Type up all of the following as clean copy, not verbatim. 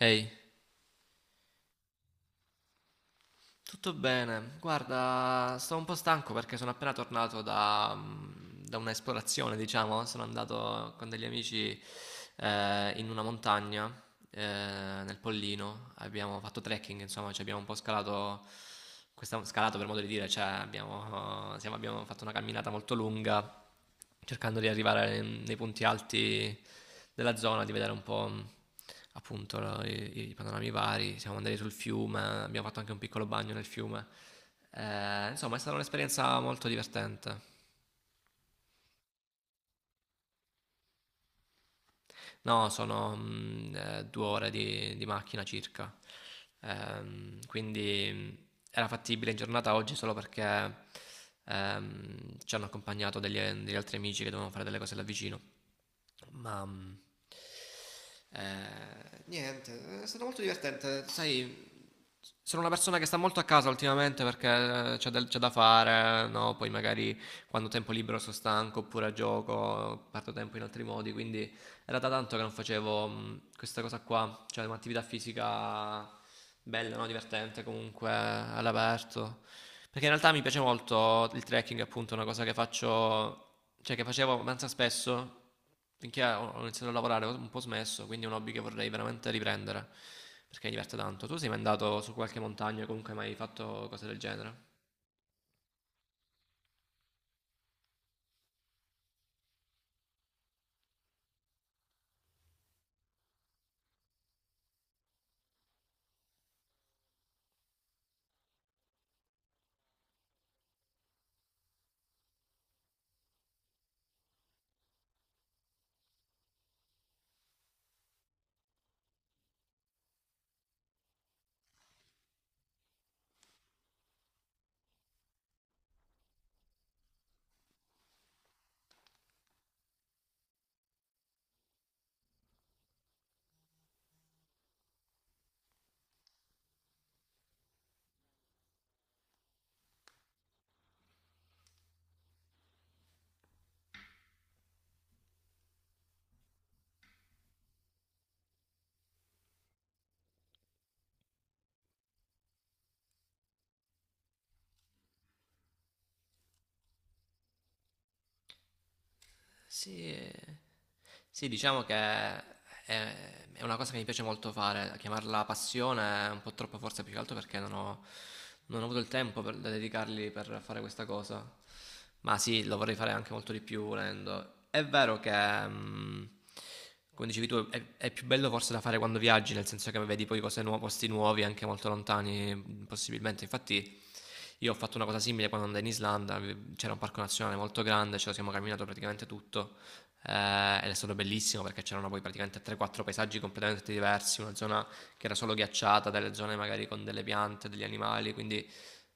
Ehi, tutto bene? Guarda, sto un po' stanco perché sono appena tornato da un'esplorazione, diciamo. Sono andato con degli amici in una montagna, nel Pollino. Abbiamo fatto trekking, insomma, ci abbiamo un po' scalato, scalato per modo di dire, cioè abbiamo fatto una camminata molto lunga cercando di arrivare nei punti alti della zona, di vedere un po' appunto i panorami vari. Siamo andati sul fiume, abbiamo fatto anche un piccolo bagno nel fiume. Insomma, è stata un'esperienza molto divertente. No, sono 2 ore di macchina circa. Quindi era fattibile in giornata oggi solo perché ci hanno accompagnato degli altri amici che dovevano fare delle cose là vicino. Ma niente, è stato molto divertente. Sai, sono una persona che sta molto a casa ultimamente perché c'è da fare, no? Poi magari quando ho tempo libero sono stanco oppure gioco, parto tempo in altri modi, quindi era da tanto che non facevo questa cosa qua, cioè un'attività fisica bella, no? Divertente comunque, all'aperto. Perché in realtà mi piace molto il trekking, appunto, è una cosa che faccio, cioè che facevo abbastanza spesso, finché ho iniziato a lavorare ho un po' smesso, quindi è un hobby che vorrei veramente riprendere, perché mi diverte tanto. Tu sei mai andato su qualche montagna o comunque hai mai fatto cose del genere? Sì, sì, diciamo che è una cosa che mi piace molto fare, chiamarla passione è un po' troppo forse più che altro perché non ho avuto il tempo per, da dedicargli per fare questa cosa, ma sì, lo vorrei fare anche molto di più volendo. È vero che, mm, come dicevi tu, è più bello forse da fare quando viaggi, nel senso che vedi poi cose nuove, posti nuovi, anche molto lontani, possibilmente. Infatti. Io ho fatto una cosa simile quando andai in Islanda, c'era un parco nazionale molto grande, ce lo siamo camminato praticamente tutto ed è stato bellissimo perché c'erano poi praticamente 3-4 paesaggi completamente diversi, una zona che era solo ghiacciata, delle zone magari con delle piante, degli animali, quindi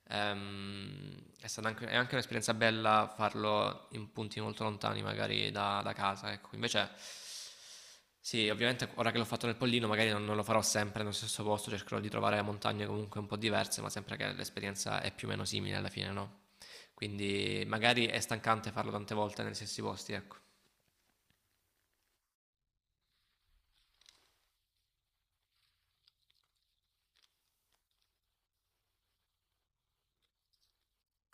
ehm, è anche un'esperienza bella farlo in punti molto lontani magari da casa, ecco. Invece sì, ovviamente ora che l'ho fatto nel Pollino magari non lo farò sempre nello stesso posto, cercherò di trovare montagne comunque un po' diverse, ma sempre che l'esperienza è più o meno simile alla fine, no? Quindi magari è stancante farlo tante volte negli stessi posti, ecco.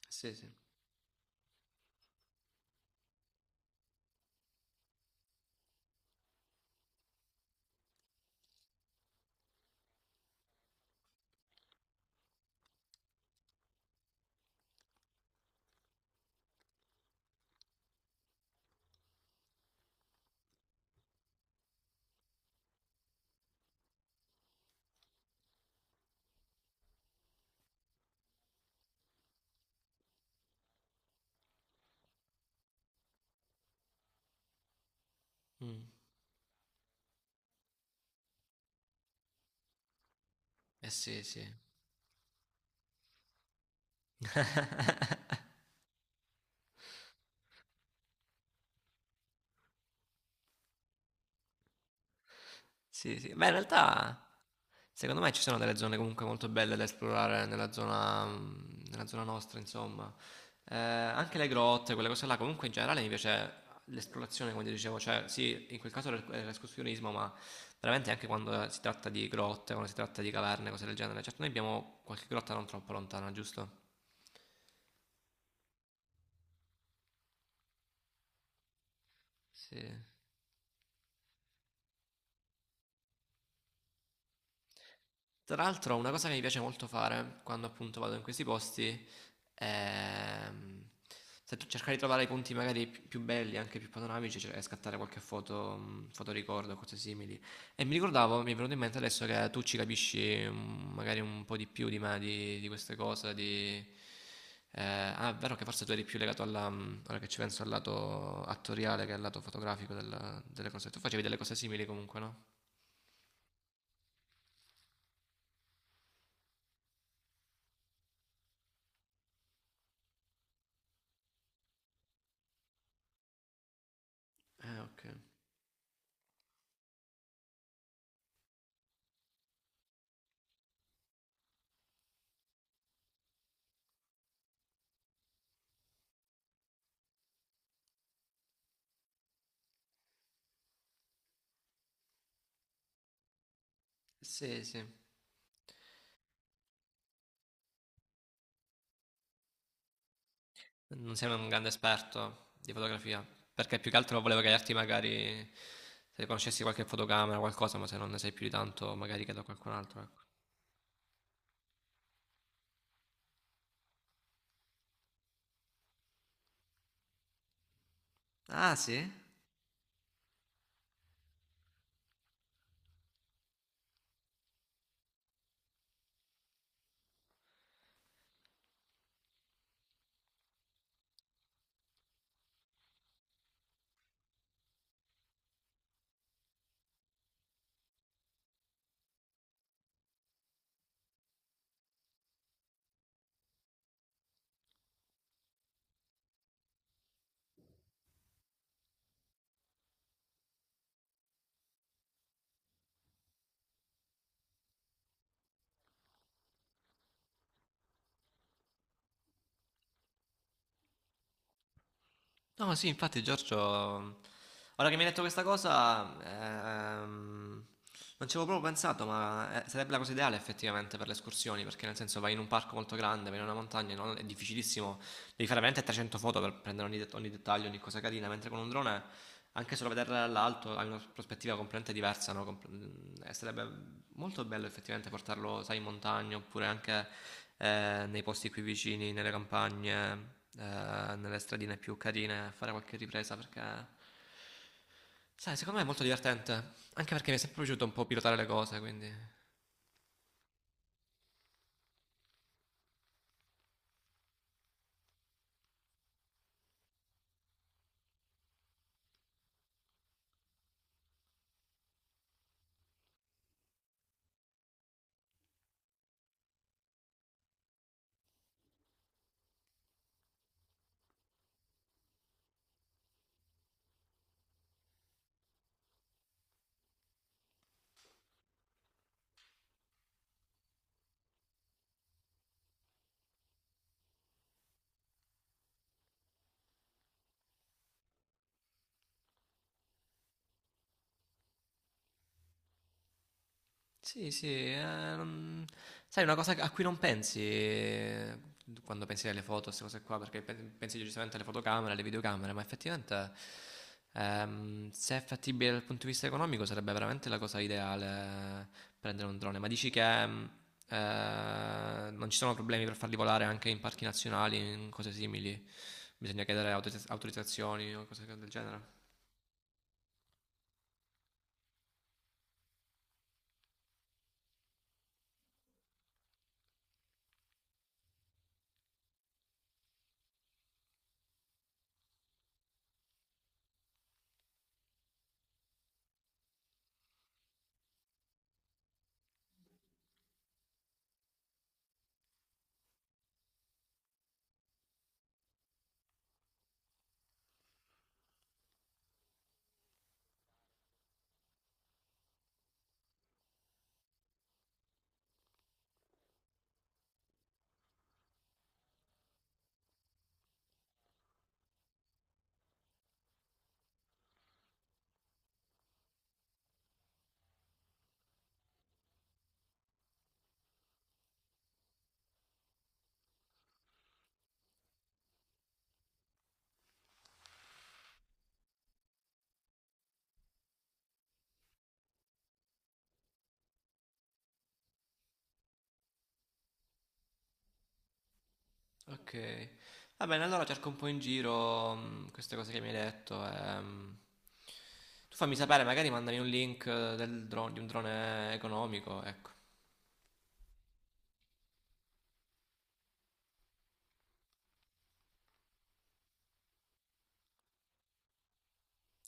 Sì, sì. Mh. Eh sì, sì. Sì, sì. Beh, in realtà secondo me ci sono delle zone comunque molto belle da esplorare nella zona nostra insomma. Anche le grotte, quelle cose là, comunque in generale mi piace l'esplorazione come ti dicevo, cioè sì, in quel caso l'e è l'escursionismo, ma veramente anche quando si tratta di grotte, quando si tratta di caverne, cose del genere. Certo, noi abbiamo qualche grotta non troppo lontana, giusto? Sì. Tra l'altro, una cosa che mi piace molto fare quando appunto vado in questi posti è mm, se tu- cercare di trovare i punti magari più belli, anche più panoramici, cioè, e scattare qualche foto, fotoricordo, cose simili. E mi ricordavo, mi è venuto in mente adesso che tu ci capisci magari un po' di più di me di queste cose, di. Ah, è vero che forse tu eri più legato alla, ora che ci penso, al lato attoriale che al lato fotografico delle cose. Tu facevi delle cose simili comunque, no? Ok. Sì, sì. Non sei un grande esperto di fotografia, perché più che altro volevo chiederti magari se conoscessi qualche fotocamera, o qualcosa, ma se non ne sai più di tanto, magari chiedo a qualcun altro, ecco. Ah, sì? No, sì, infatti Giorgio, ora che mi hai detto questa cosa, ehm, non ci avevo proprio pensato, ma sarebbe la cosa ideale effettivamente per le escursioni, perché nel senso vai in un parco molto grande, vai in una montagna, no? È difficilissimo devi fare veramente 300 foto per prendere ogni dettaglio, ogni cosa carina, mentre con un drone, anche solo vederla dall'alto, hai una prospettiva completamente diversa, no? Sarebbe molto bello effettivamente portarlo, sai, in montagna oppure anche nei posti qui vicini, nelle campagne, nelle stradine più carine, a fare qualche ripresa perché. Sai, secondo me è molto divertente, anche perché mi è sempre piaciuto un po' pilotare le cose, quindi. Sì, sì, non- sai, una cosa a cui non pensi quando pensi alle foto, queste cose qua, perché pensi giustamente alle fotocamere, alle videocamere, ma effettivamente se è fattibile dal punto di vista economico sarebbe veramente la cosa ideale prendere un drone, ma dici che non ci sono problemi per farli volare anche in parchi nazionali, in cose simili, bisogna chiedere autorizzazioni o cose del genere? Ok, va bene, allora cerco un po' in giro queste cose che mi hai detto. E tu fammi sapere, magari mandami un link di un drone economico, ecco.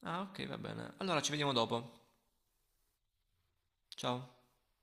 Ah, ok, va bene. Allora ci vediamo dopo. Ciao.